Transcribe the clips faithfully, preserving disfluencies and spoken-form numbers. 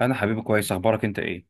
انا حبيبي كويس، اخبارك انت ايه؟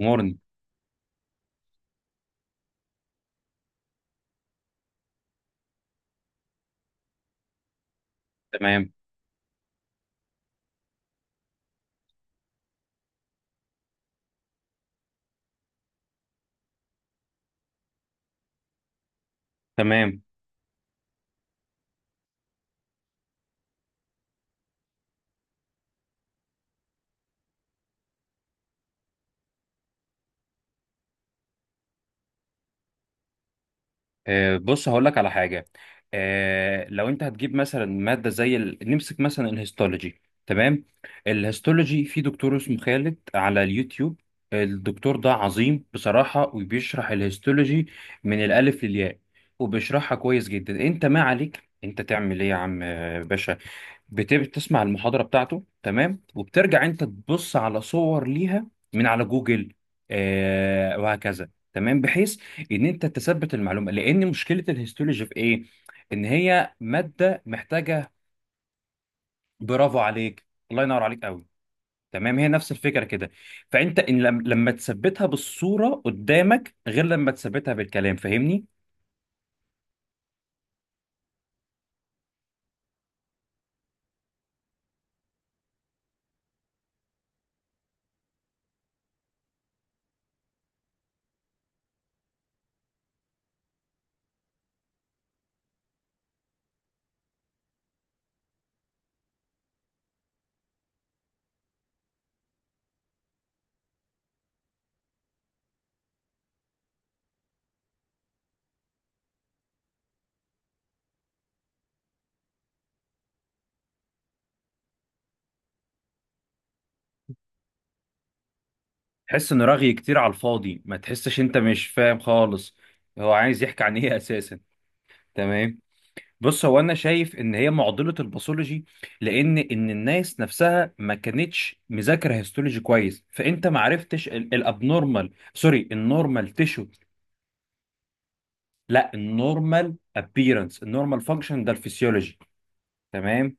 امورني تمام تمام. آه، بص هقول لك على حاجه. آه لو انت هتجيب مثلا ماده زي ال... نمسك مثلا الهيستولوجي تمام. الهيستولوجي في دكتور اسمه خالد على اليوتيوب. الدكتور ده عظيم بصراحه وبيشرح الهيستولوجي من الالف للياء وبيشرحها كويس جدا. انت ما عليك انت تعمل ايه يا عم آه، باشا؟ بت- بتسمع المحاضرة بتاعته تمام وبترجع انت تبص على صور ليها من على جوجل. آه وهكذا تمام بحيث ان انت تثبت المعلومة. لان مشكلة الهيستولوجي في ايه؟ ان هي مادة محتاجة. برافو عليك، الله ينور عليك قوي. تمام، هي نفس الفكرة كده. فانت ان لم- لما تثبتها بالصورة قدامك غير لما تثبتها بالكلام، فاهمني؟ تحس ان رغي كتير على الفاضي، ما تحسش انت مش فاهم خالص. هو عايز يحكي عن ايه اساسا؟ تمام. بص هو انا شايف ان هي معضله الباثولوجي. لان ان الناس نفسها ما كانتش مذاكره هيستولوجي كويس، فانت ما عرفتش الابنورمال، سوري النورمال تيشو. لا، النورمال ابييرنس النورمال فانكشن ده الفسيولوجي. تمام.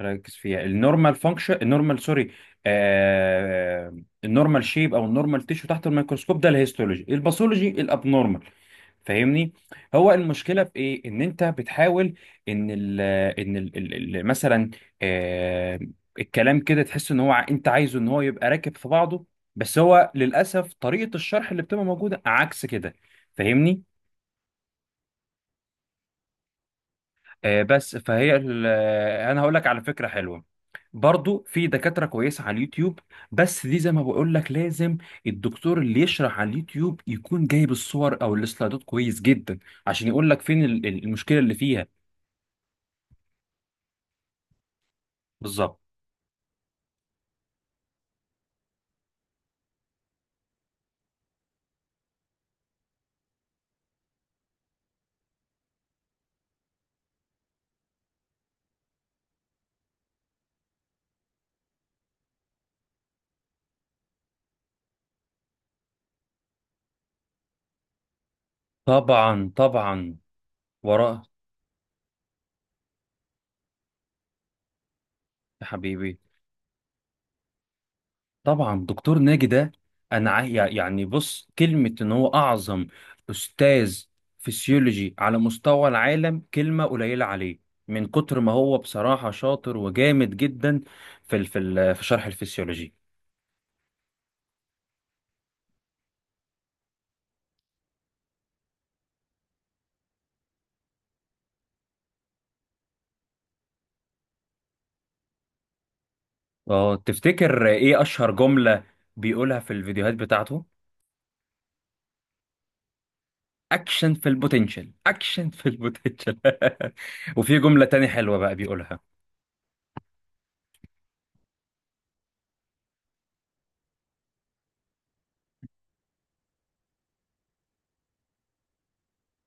ركز فيها، النورمال فانكشن النورمال سوري، آه النورمال شيب او النورمال تيشو تحت الميكروسكوب ده الهيستولوجي، الباثولوجي الابنورمال، فاهمني؟ هو المشكله في ايه؟ ان انت بتحاول ان ال، ان ال ال ال- مثلا آه، الكلام كده تحس ان هو ع- انت عايزه ان هو يبقى راكب في بعضه، بس هو للاسف طريقه الشرح اللي بتبقى موجوده عكس كده، فاهمني؟ آه بس فهي ال- آه، انا هقول لك على فكره حلوه. برضو في دكاترة كويسة على اليوتيوب، بس دي زي ما بقول لك لازم الدكتور اللي يشرح على اليوتيوب يكون جايب الصور او السلايدات كويس جدا، عشان يقول لك فين ال- ال- المشكلة اللي فيها. بالظبط. طبعا طبعا. وراء يا حبيبي. طبعا دكتور ناجي ده، انا عا- يعني بص، كلمة ان هو اعظم استاذ فسيولوجي على مستوى العالم كلمة قليلة عليه. من كتر ما هو بصراحة شاطر وجامد جدا في ال- في ال- في شرح الفسيولوجي. اه، تفتكر ايه اشهر جملة بيقولها في الفيديوهات بتاعته؟ اكشن في البوتنشال، اكشن في البوتنشال. وفي جملة تاني حلوة بقى بيقولها.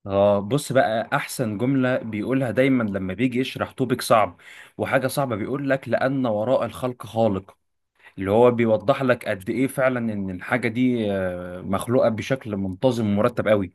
اه، بص بقى احسن جملة بيقولها دايما لما بيجي يشرح توبيك صعب وحاجة صعبة، بيقول لك: لأن وراء الخلق خالق. اللي هو بيوضح لك قد ايه فعلا ان الحاجة دي آه، مخلوقة بشكل منتظم ومرتب قوي.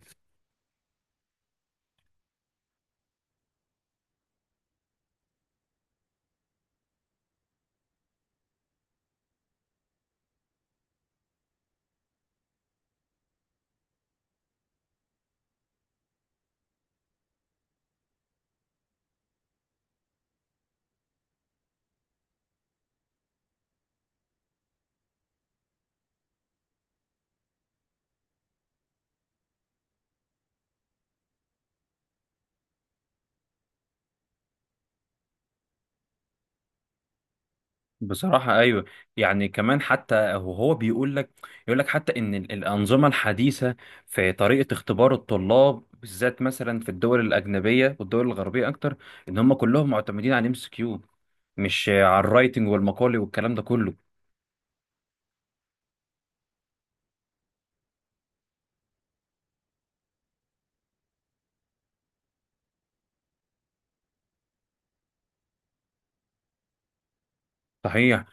بصراحة أيوة. يعني كمان حتى وهو بيقول لك، يقول لك حتى إن ال- الأنظمة الحديثة في طريقة اختبار الطلاب بالذات مثلا في الدول الأجنبية والدول الغربية أكتر، إن هم كلهم معتمدين على الام اس كيو، مش على الرايتنج والمقالي والكلام ده كله. صحيح.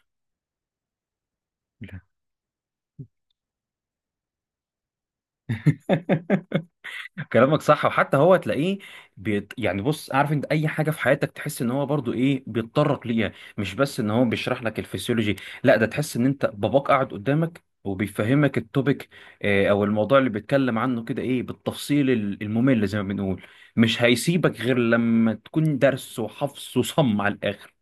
كلامك صح. وحتى هو تلاقيه بيت... يعني بص، عارف انت اي حاجه في حياتك تحس ان هو برضو ايه بيتطرق ليها، مش بس ان هو بيشرح لك الفسيولوجي، لا، ده تحس ان انت باباك قاعد قدامك وبيفهمك التوبيك اه، او الموضوع اللي بيتكلم عنه كده ايه بالتفصيل ال- الممل زي ما بنقول. مش هيسيبك غير لما تكون درس وحفظ وصم على الاخر.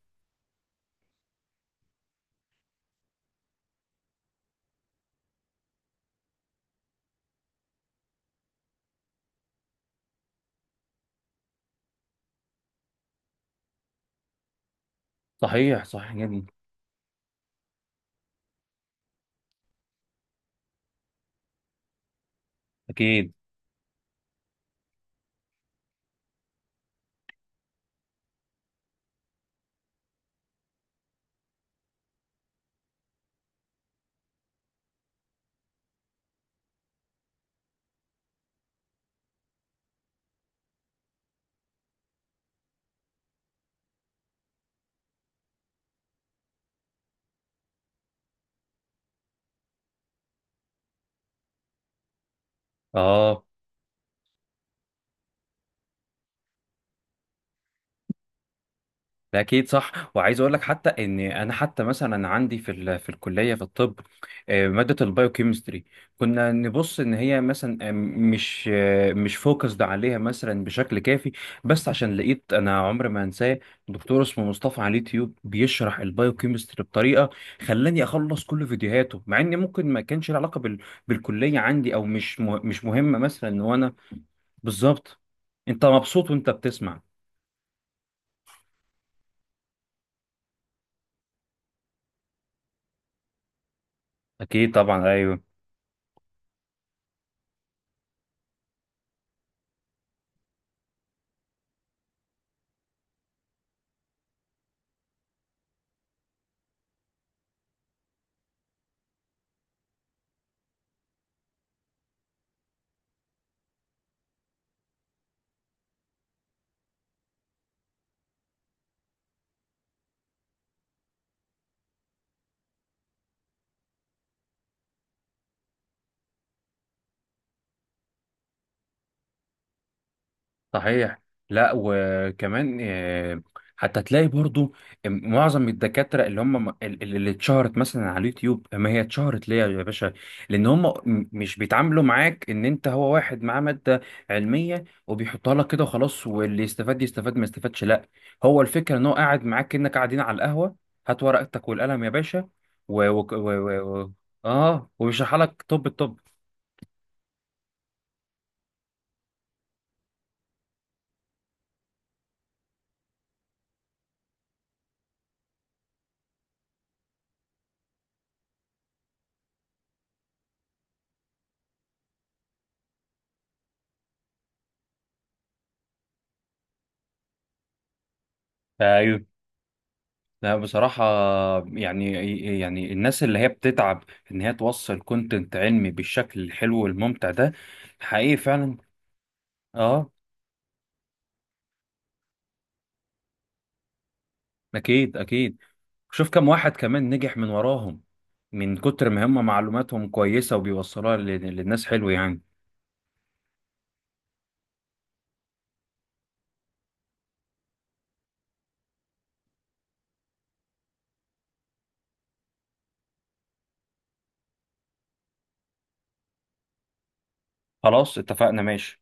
صحيح، صحيح جدا. اكيد اه. ده اكيد صح. وعايز اقول لك حتى ان انا حتى مثلا عندي في ال... في الكليه في الطب آه، ماده البايوكيمستري كنا نبص ان هي مثلا آه، مش آه، مش فوكسد عليها مثلا بشكل كافي. بس عشان لقيت انا عمري ما انساه دكتور اسمه مصطفى على اليوتيوب بيشرح البايوكيمستري بطريقه خلاني اخلص كل فيديوهاته، مع ان ممكن ما كانش له علاقه بال... بالكليه عندي او مش مه... مش مهمه مثلا ان انا. بالظبط. انت مبسوط وانت بتسمع. اكيد طبعا ايوه. صحيح. لا وكمان آه، حتى تلاقي برضو معظم الدكاترة اللي هم اللي اللي اتشهرت مثلا على اليوتيوب، ما هي اتشهرت ليه يا باشا؟ لان هم م- مش بيتعاملوا معاك ان انت هو واحد معاه مادة علمية وبيحطها لك كده وخلاص، واللي يستفاد يستفاد ما يستفادش، لا. هو الفكرة ان هو قاعد معاك انك قاعدين على القهوة، هات ورقتك والقلم يا باشا و... و... و... و... و... اه، وبيشرح لك. طب الطب، لا بصراحة، يعني يعني الناس اللي هي بتتعب إن هي توصل كونتنت علمي بالشكل الحلو والممتع ده، حقيقي فعلا آه. أكيد أكيد. شوف كم واحد كمان نجح من وراهم، من كتر ما هم معلوماتهم كويسة وبيوصلوها لل- للناس حلو يعني. خلاص اتفقنا ماشي.